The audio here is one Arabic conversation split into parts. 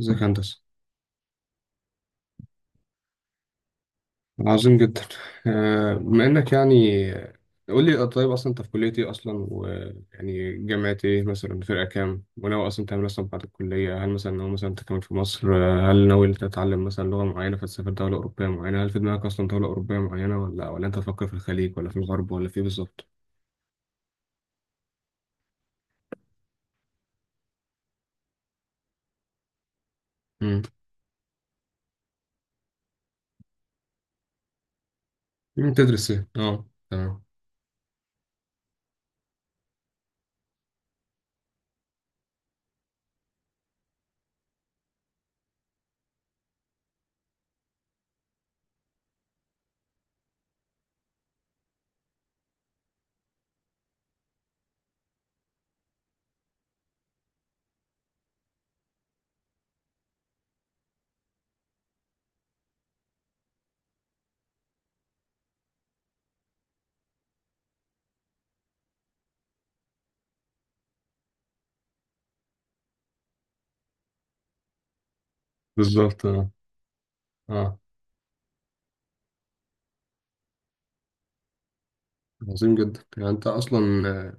ازيك يا هندسة. عظيم جدا. بما انك قول لي طيب، اصلا انت في كلية ايه اصلا، ويعني جامعة ايه مثلا، فرقة كام، وناوي اصلا تعمل إيه اصلا بعد الكلية؟ هل مثلا ناوي مثلا تكمل في مصر؟ هل ناوي تتعلم مثلا لغة معينة فتسافر دولة أوروبية معينة؟ هل في دماغك اصلا دولة أوروبية معينة، ولا انت تفكر في الخليج، ولا في الغرب، ولا في إيه بالظبط؟ مم. مم، تدرس ايه؟ اه تمام. بالظبط اه. اه. عظيم جدا. يعني انت اصلا،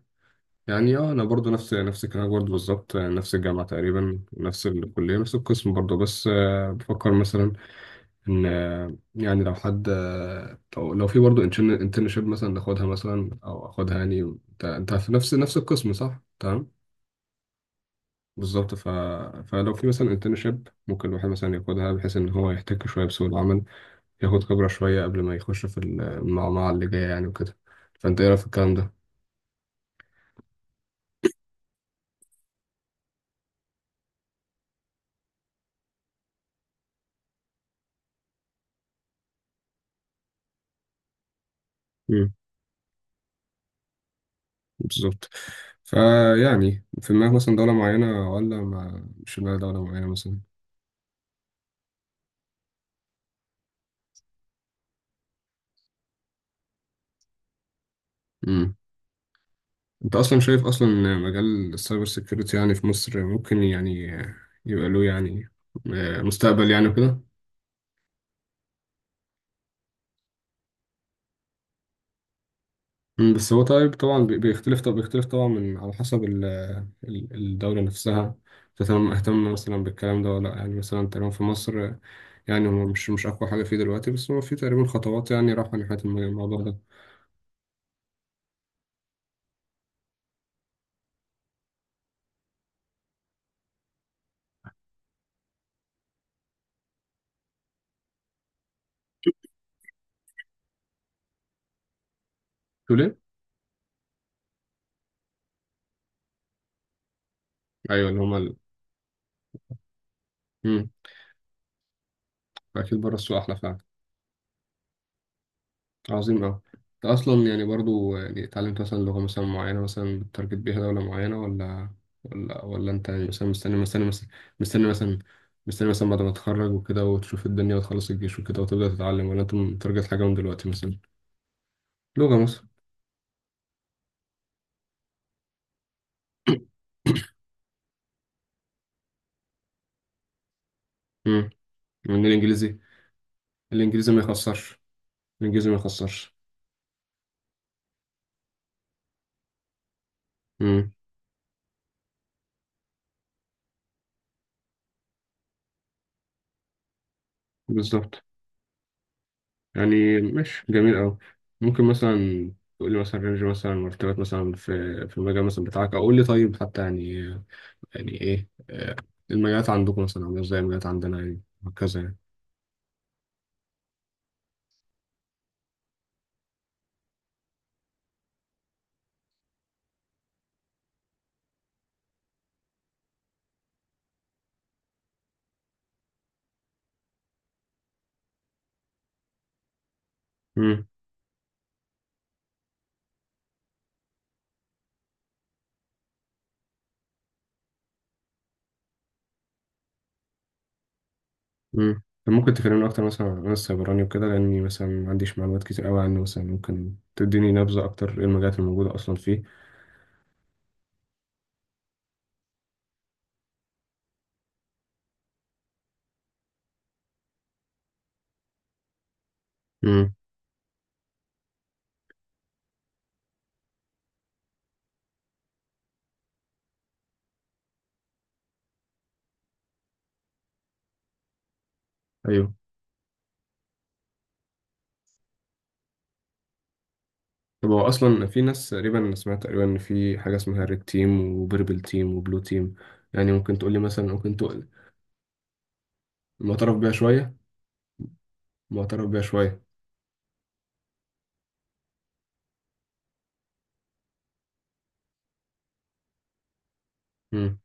يعني اه انا برضو نفس الكلام برضو بالظبط. نفس الجامعه تقريبا، نفس الكليه، نفس القسم برضو، بس بفكر مثلا ان يعني لو حد، آه، لو في برضو انترنشيب مثلا ناخدها مثلا او اخدها يعني. انت انت في نفس القسم صح؟ تمام بالظبط. فلو في مثلا انترنشيب ممكن الواحد مثلا ياخدها بحيث ان هو يحتك شويه بسوق العمل، ياخد خبره شويه قبل ما يخش في المعمعه اللي جايه يعني وكده. فانت ايه رايك في الكلام ده؟ بالظبط. فيعني في دماغك مثلا دولة معينة، ولا ما مش في دماغك دولة معينة مثلا؟ امم. انت اصلا شايف اصلا إن مجال السايبر سيكيورتي يعني في مصر ممكن يعني يبقى له يعني مستقبل يعني وكده؟ أمم، بس هو طيب، طبعا بيختلف، طب بيختلف طبعا من على حسب الدولة نفسها تهتم اهتم مثلا بالكلام ده ولا لأ. يعني مثلا تقريبا في مصر يعني هو مش اقوى حاجة فيه دلوقتي، بس هو في تقريبا خطوات يعني رايحة ناحية الموضوع ده. تقول ايه؟ ايوه، مم. فأكيد بره السوق أحلى فعلا. عظيم أوي. أنت أصلا يعني برضو يعني اتعلمت مثلا لغة مثلا معينة مثلا بتارجت بيها دولة معينة، ولا أنت يعني مثلا مستني مثلا، مستني مثلا مستني مثلا بعد ما تتخرج وكده وتشوف الدنيا وتخلص الجيش وكده وتبدأ تتعلم، ولا أنت متارجت حاجة من دلوقتي مثلا؟ لغة مثلا. مم. من الإنجليزي. الإنجليزي ما يخسرش. الإنجليزي ما يخسرش. مم. بالظبط. يعني ماشي، جميل أوي. ممكن مثلا تقول لي مثلا رينج مثلا مرتبات مثلا في في المجال مثلا بتاعك، أو قول لي طيب، حتى يعني يعني إيه المجالات عندكم مثلا عاملة إزاي، المجالات عندنا يعني، وهكذا يعني. مم. مم. طب ممكن تكلمني أكتر مثلا عن السيبراني وكده، لأني مثلا ما عنديش معلومات كتير أوي عنه. مثلا ممكن تديني نبذة أكتر، إيه المجالات الموجودة أصلا فيه؟ مم. أيوه. طب هو أصلا في ناس، تقريبا أنا سمعت تقريبا إن في حاجة اسمها ريد تيم، وبيربل تيم، وبلو تيم. يعني ممكن تقولي مثلا؟ ممكن معترف بيها شوية. معترف بيها شوية. مم.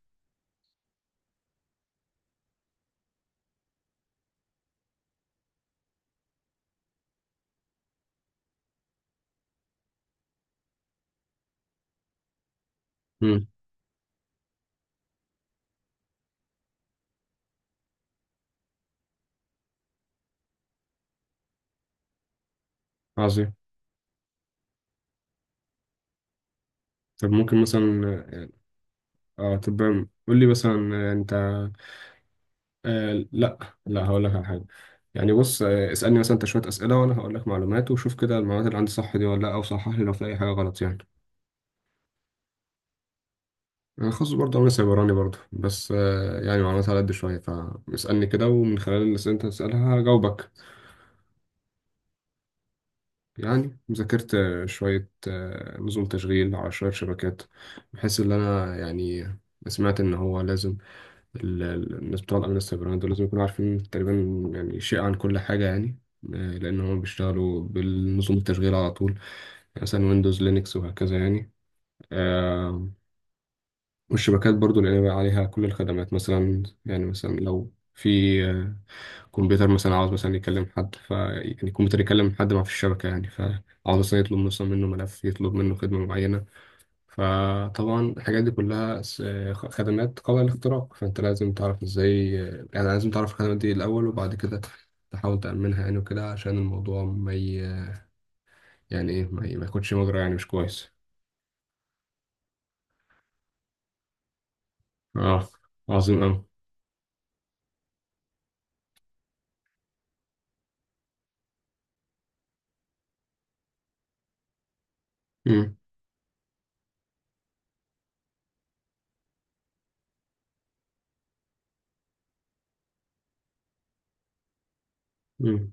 مم. عظيم. طب ممكن مثلا، اه طب قول لي مثلا، انت. آه لا، لا هقول لك على حاجة. يعني بص، آه اسألني مثلا انت شوية أسئلة، وانا هقول لك معلومات، وشوف كده المعلومات اللي عندي صح دي ولا لا، او صحح لي لو في اي حاجة غلط يعني. انا خاص برضه، انا سايبراني برضه، بس آه يعني معلومات على قد شوية. فاسألني كده، ومن خلال الأسئلة اللي انت تسألها هجاوبك. يعني ذاكرت شوية نظم تشغيل، على شوية شبكات، بحيث إن أنا يعني سمعت إن هو لازم الناس بتوع الأمن السيبراني دول لازم يكونوا عارفين تقريبا يعني شيء عن كل حاجة يعني. لأن هم بيشتغلوا بالنظم التشغيل على طول، يعني مثلا ويندوز، لينكس، وهكذا يعني. آه، والشبكات برضو، لأن بقى عليها كل الخدمات مثلا. يعني مثلا لو في كمبيوتر مثلا عاوز مثلا يكلم حد، ف يعني الكمبيوتر يكلم حد ما في الشبكة يعني، فعاوز مثلا يطلب مثلا منه ملف، يطلب منه خدمة معينة. فطبعا الحاجات دي كلها خدمات قابلة للاختراق، فأنت لازم تعرف ازاي. يعني لازم تعرف الخدمات دي الأول، وبعد كده تحاول تأمنها يعني وكده، عشان الموضوع ما ي... يعني ايه، ما ياخدش مجرى يعني مش كويس. اه. عظيم أوي. مم. مم.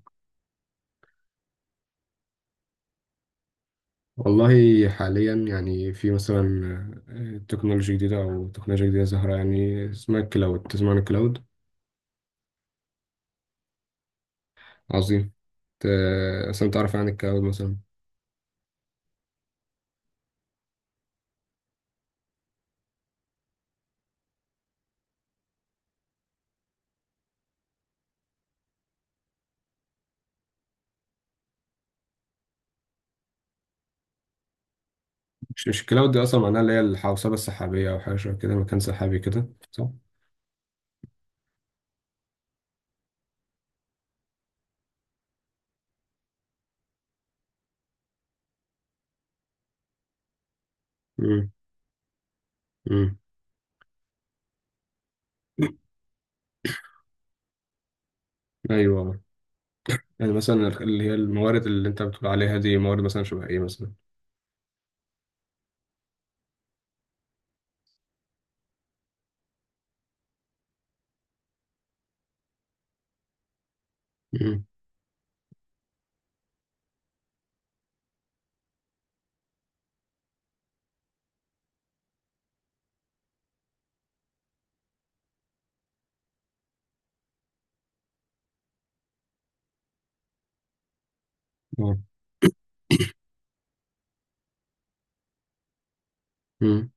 والله حاليا يعني في مثلا تكنولوجيا جديدة، أو تكنولوجيا جديدة ظاهرة يعني، اسمها الكلاود. تسمع عن الكلاود؟ عظيم. ت- أصلا تعرف عن الكلاود مثلا؟ مش مش الكلاود دي أصلا معناها اللي هي الحوسبة السحابية، أو حاجة شبه كده، مكان سحابي كده، صح؟ مم. مم. أيوه. يعني مثلا اللي هي الموارد اللي أنت بتقول عليها دي، موارد مثلا شبه إيه مثلا؟ مم. آه. مم.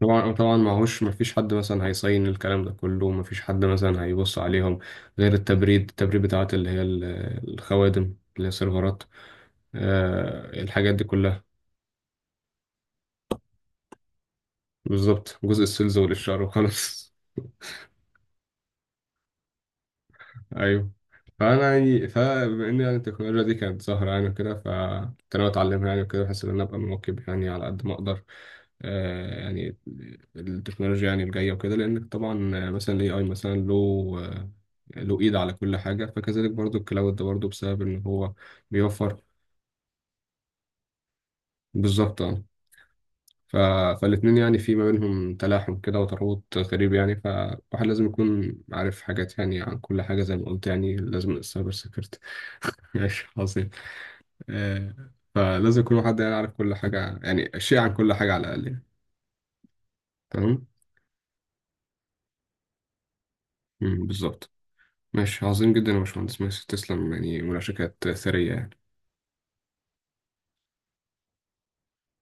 طبعا، وطبعا معهوش، مفيش حد مثلا هيصين الكلام ده كله، مفيش حد مثلا هيبص عليهم، غير التبريد، التبريد بتاعت اللي هي الخوادم اللي هي السيرفرات. آه الحاجات دي كلها. بالظبط، جزء السيلز والإشعار وخلاص. ايوه. فانا يعني فبما ان يعني التكنولوجيا دي كانت ظاهره يعني وكده، فكنت انا اتعلمها يعني وكده، بحيث ان انا ابقى مواكب يعني على قد ما اقدر يعني التكنولوجيا يعني الجايه وكده، لان طبعا مثلا الاي اي مثلا له آه، له ايد على كل حاجه، فكذلك برضو الكلاود ده برضو بسبب ان هو بيوفر. بالظبط اه. ف... فالاتنين يعني في ما بينهم تلاحم كده وترابط غريب يعني، فالواحد لازم يكون عارف حاجات يعني عن كل حاجه، زي ما قلت يعني، لازم السايبر سيكيورتي. ماشي عظيم. آه، فلازم يكون واحد يعرف كل حاجة، يعني شيء عن كل حاجة على الأقل يعني. تمام؟ مم، بالظبط. ماشي عظيم جدا يا باشمهندس، ماشي، تسلم، يعني مناقشة كانت ثرية يعني.